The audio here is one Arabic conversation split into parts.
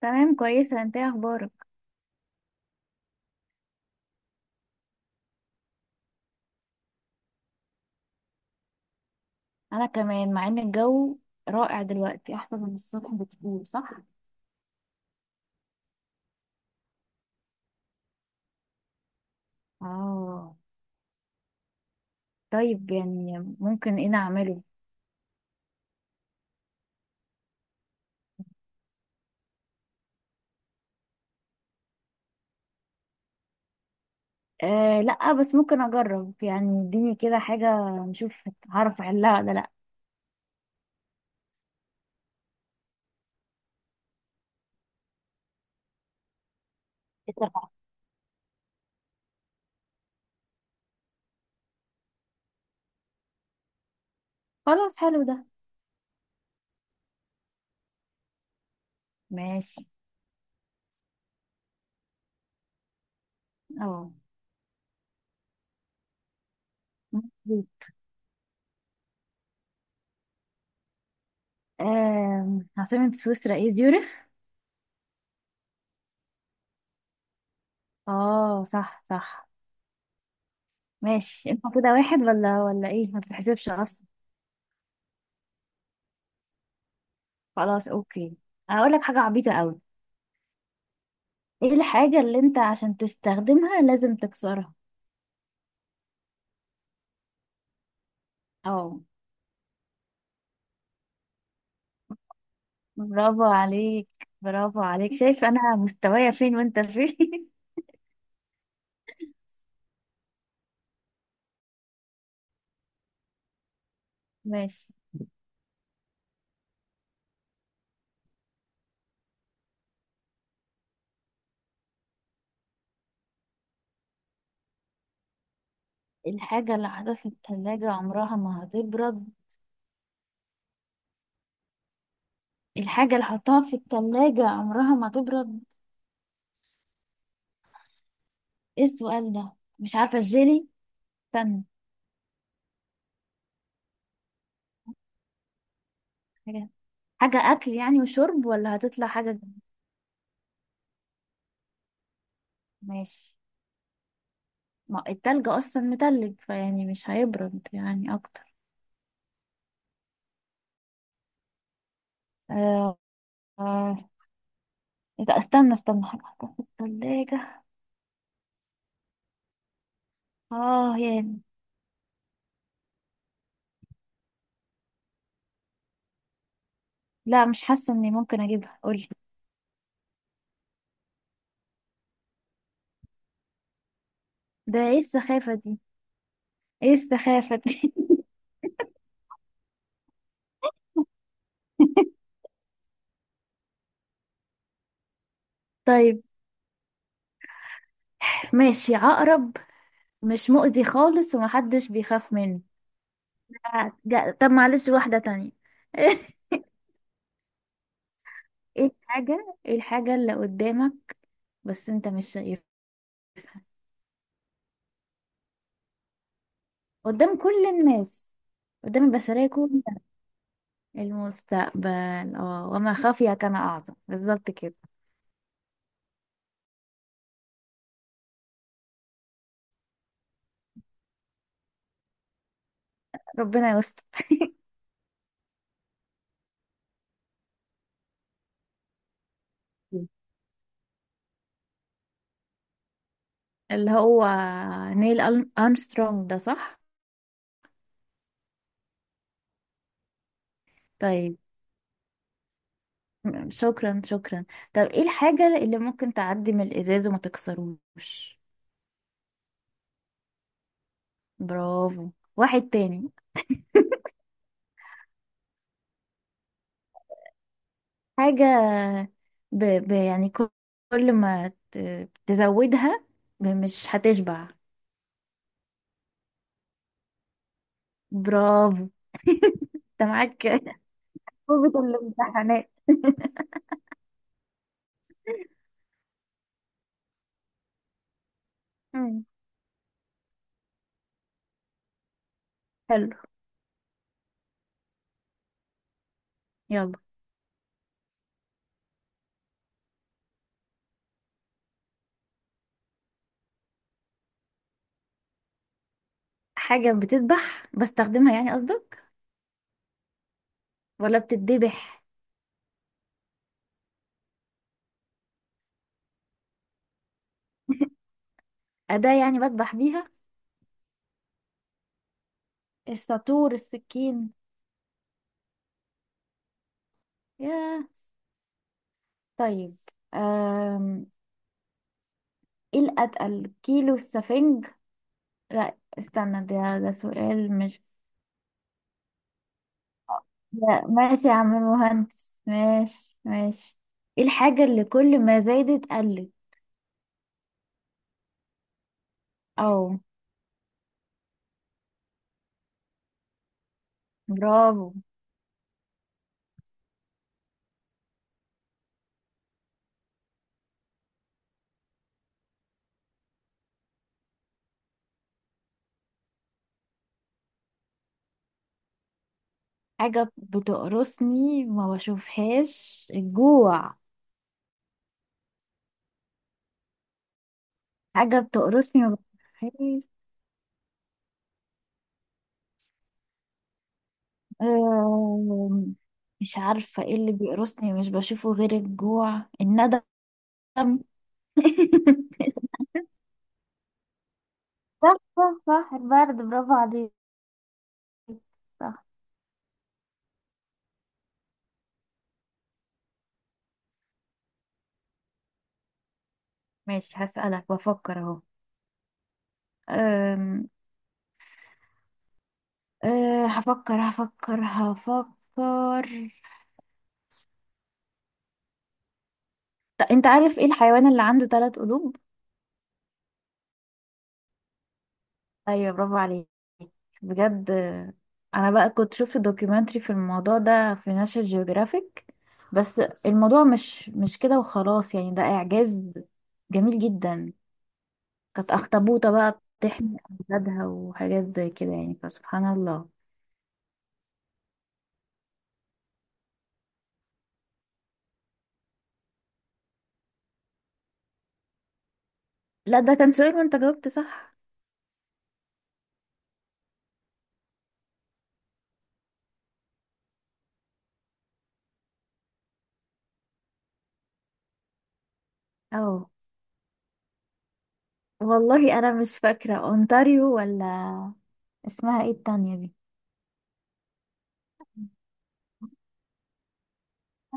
تمام كويسة. انت ايه اخبارك؟ انا كمان مع ان الجو رائع دلوقتي، احسن من الصبح بكتير، صح؟ اه. طيب يعني ممكن ايه نعمله؟ آه لا، بس ممكن اجرب يعني، اديني كده حاجة نشوف هعرف احلها ولا لا. اتفقنا. خلاص، حلو ده. ماشي. اه. آه، عاصمة سويسرا ايه؟ زيورخ. اه صح صح. ماشي انت كده واحد ولا ايه؟ ما تتحسبش اصلا. خلاص اوكي. اقول لك حاجة عبيطة قوي. ايه الحاجة اللي انت عشان تستخدمها لازم تكسرها؟ اه. برافو عليك. برافو عليك، شايف انا مستوايا فين وانت فين. ماشي. الحاجة اللي حطها في التلاجة عمرها ما هتبرد. الحاجة اللي حطها في التلاجة عمرها ما تبرد. ايه السؤال ده؟ مش عارفة، الجيلي؟ استنى. حاجة، حاجة اكل يعني وشرب، ولا هتطلع حاجة ماشي. ما التلج اصلا متلج فيعني مش هيبرد يعني اكتر. آه. آه. إيه ده؟ استنى استنى، حاجة حطها في التلاجة. اه يعني، لا مش حاسه اني ممكن اجيبها، قولي. ده ايه السخافه دي؟ ايه السخافه دي؟ طيب. ماشي، عقرب مش مؤذي خالص ومحدش بيخاف منه. آه، لا، طب معلش واحده تانية. ايه الحاجه، ايه الحاجه اللي قدامك بس انت مش شايفها، قدام كل الناس، قدام البشريه كلها؟ المستقبل، اه، وما خفي كان اعظم، بالظبط كده. ربنا يستر. اللي هو نيل أرمسترونج، ده صح؟ طيب. شكرا شكرا. طب ايه الحاجة اللي ممكن تعدي من الإزاز وما تكسروش؟ برافو. واحد تاني. حاجة يعني كل، كل ما تزودها مش هتشبع. برافو. انت معاك قوة الامتحانات. مم. حلو. يلا. حاجة بتذبح بستخدمها يعني قصدك، ولا بتتذبح؟ أداة يعني بذبح بيها، الساطور، السكين. ياه. طيب ايه الاتقل، كيلو السفنج؟ لا استنى، ده سؤال مش، لا ماشي يا عم المهندس، ماشي ماشي. ايه الحاجة اللي كل ما زادت قلت؟ او. برافو. حاجة بتقرصني ما بشوفهاش، الجوع. حاجة بتقرصني ما بشوفهاش. أم، مش عارفة ايه اللي بيقرصني مش بشوفه، غير الجوع، الندم. صح صح صح، البرد، برافو عليك. صح. ماشي هسألك، بفكر اهو. أم... أه هفكر هفكر هفكر. طب انت عارف ايه الحيوان اللي عنده ثلاث قلوب؟ ايوه، برافو عليك بجد. آه، انا بقى كنت شفت دوكيومنتري في الموضوع ده في ناشونال جيوغرافيك. بس الموضوع مش كده وخلاص يعني، ده اعجاز جميل جدا. كانت اخطبوطة بقى بتحمي اولادها وحاجات زي كده يعني، فسبحان الله. لا ده كان سؤال وانت جاوبت صح. اه والله انا مش فاكره، اونتاريو ولا، اسمها ايه التانية دي؟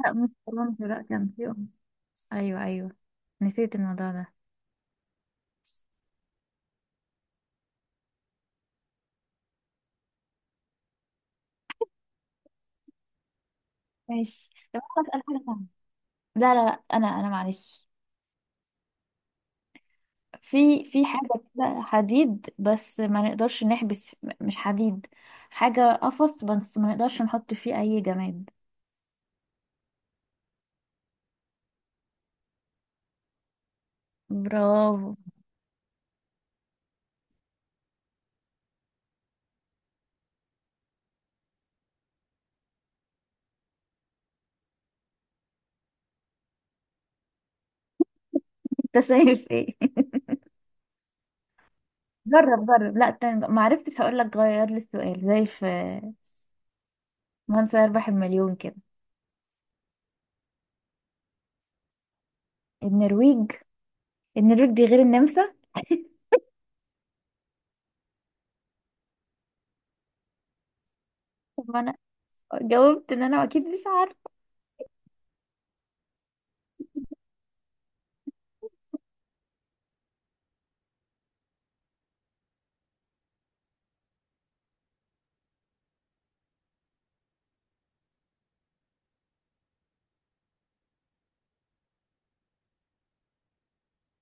لا مش اورنج، لا كان في أورنج. ايوه ايوه، نسيت الموضوع ده. ماشي. طب انا اسال حاجه ثانيه. لا انا معلش. في، في حاجه كده حديد، بس ما نقدرش نحبس، مش حديد، حاجه قفص بس ما نقدرش نحط فيه اي جماد. برافو. انت شايف ايه؟ جرب جرب، لا تاني بقى. ما عرفتش، هقول لك غير لي السؤال زي في من سيربح المليون كده. النرويج. النرويج دي غير النمسا؟ طب ما انا جاوبت ان انا اكيد مش عارفه.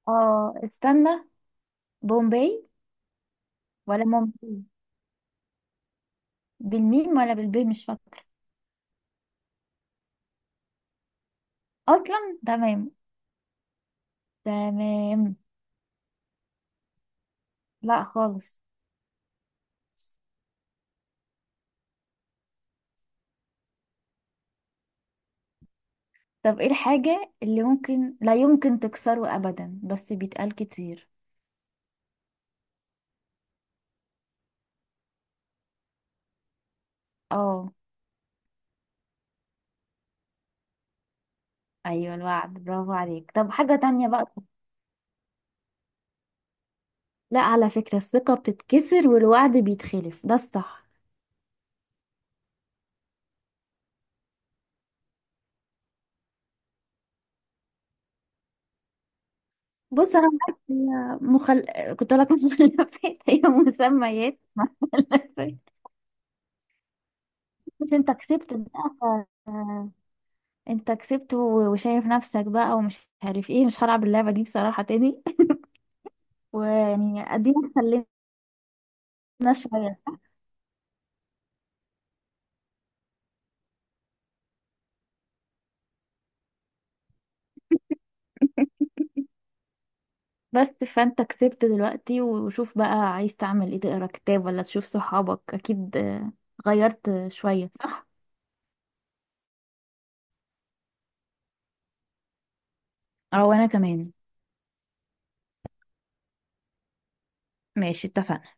اه استنى، بومباي، ولا مومباي، بالميم ولا بالبي مش فاكره. اصلا تمام. تمام. لا خالص. طب ايه الحاجة اللي ممكن لا يمكن تكسره ابدا بس بيتقال كتير؟ اه. ايوه الوعد، برافو عليك. طب حاجة تانية بقى. لا على فكرة، الثقة بتتكسر والوعد بيتخلف، ده الصح. بص انا بس، هي مخل... كنت اقول لك مخلفات، هي مسميات. بس انت كسبت بقى. انت كسبت وشايف نفسك بقى ومش عارف ايه، مش هلعب اللعبة دي بصراحة تاني. ويعني ادينا اتسلينا شوية. بس فانت كسبت دلوقتي، وشوف بقى عايز تعمل ايه، تقرا كتاب ولا تشوف صحابك، اكيد آه، غيرت شوية صح؟ اه وانا كمان. ماشي، اتفقنا.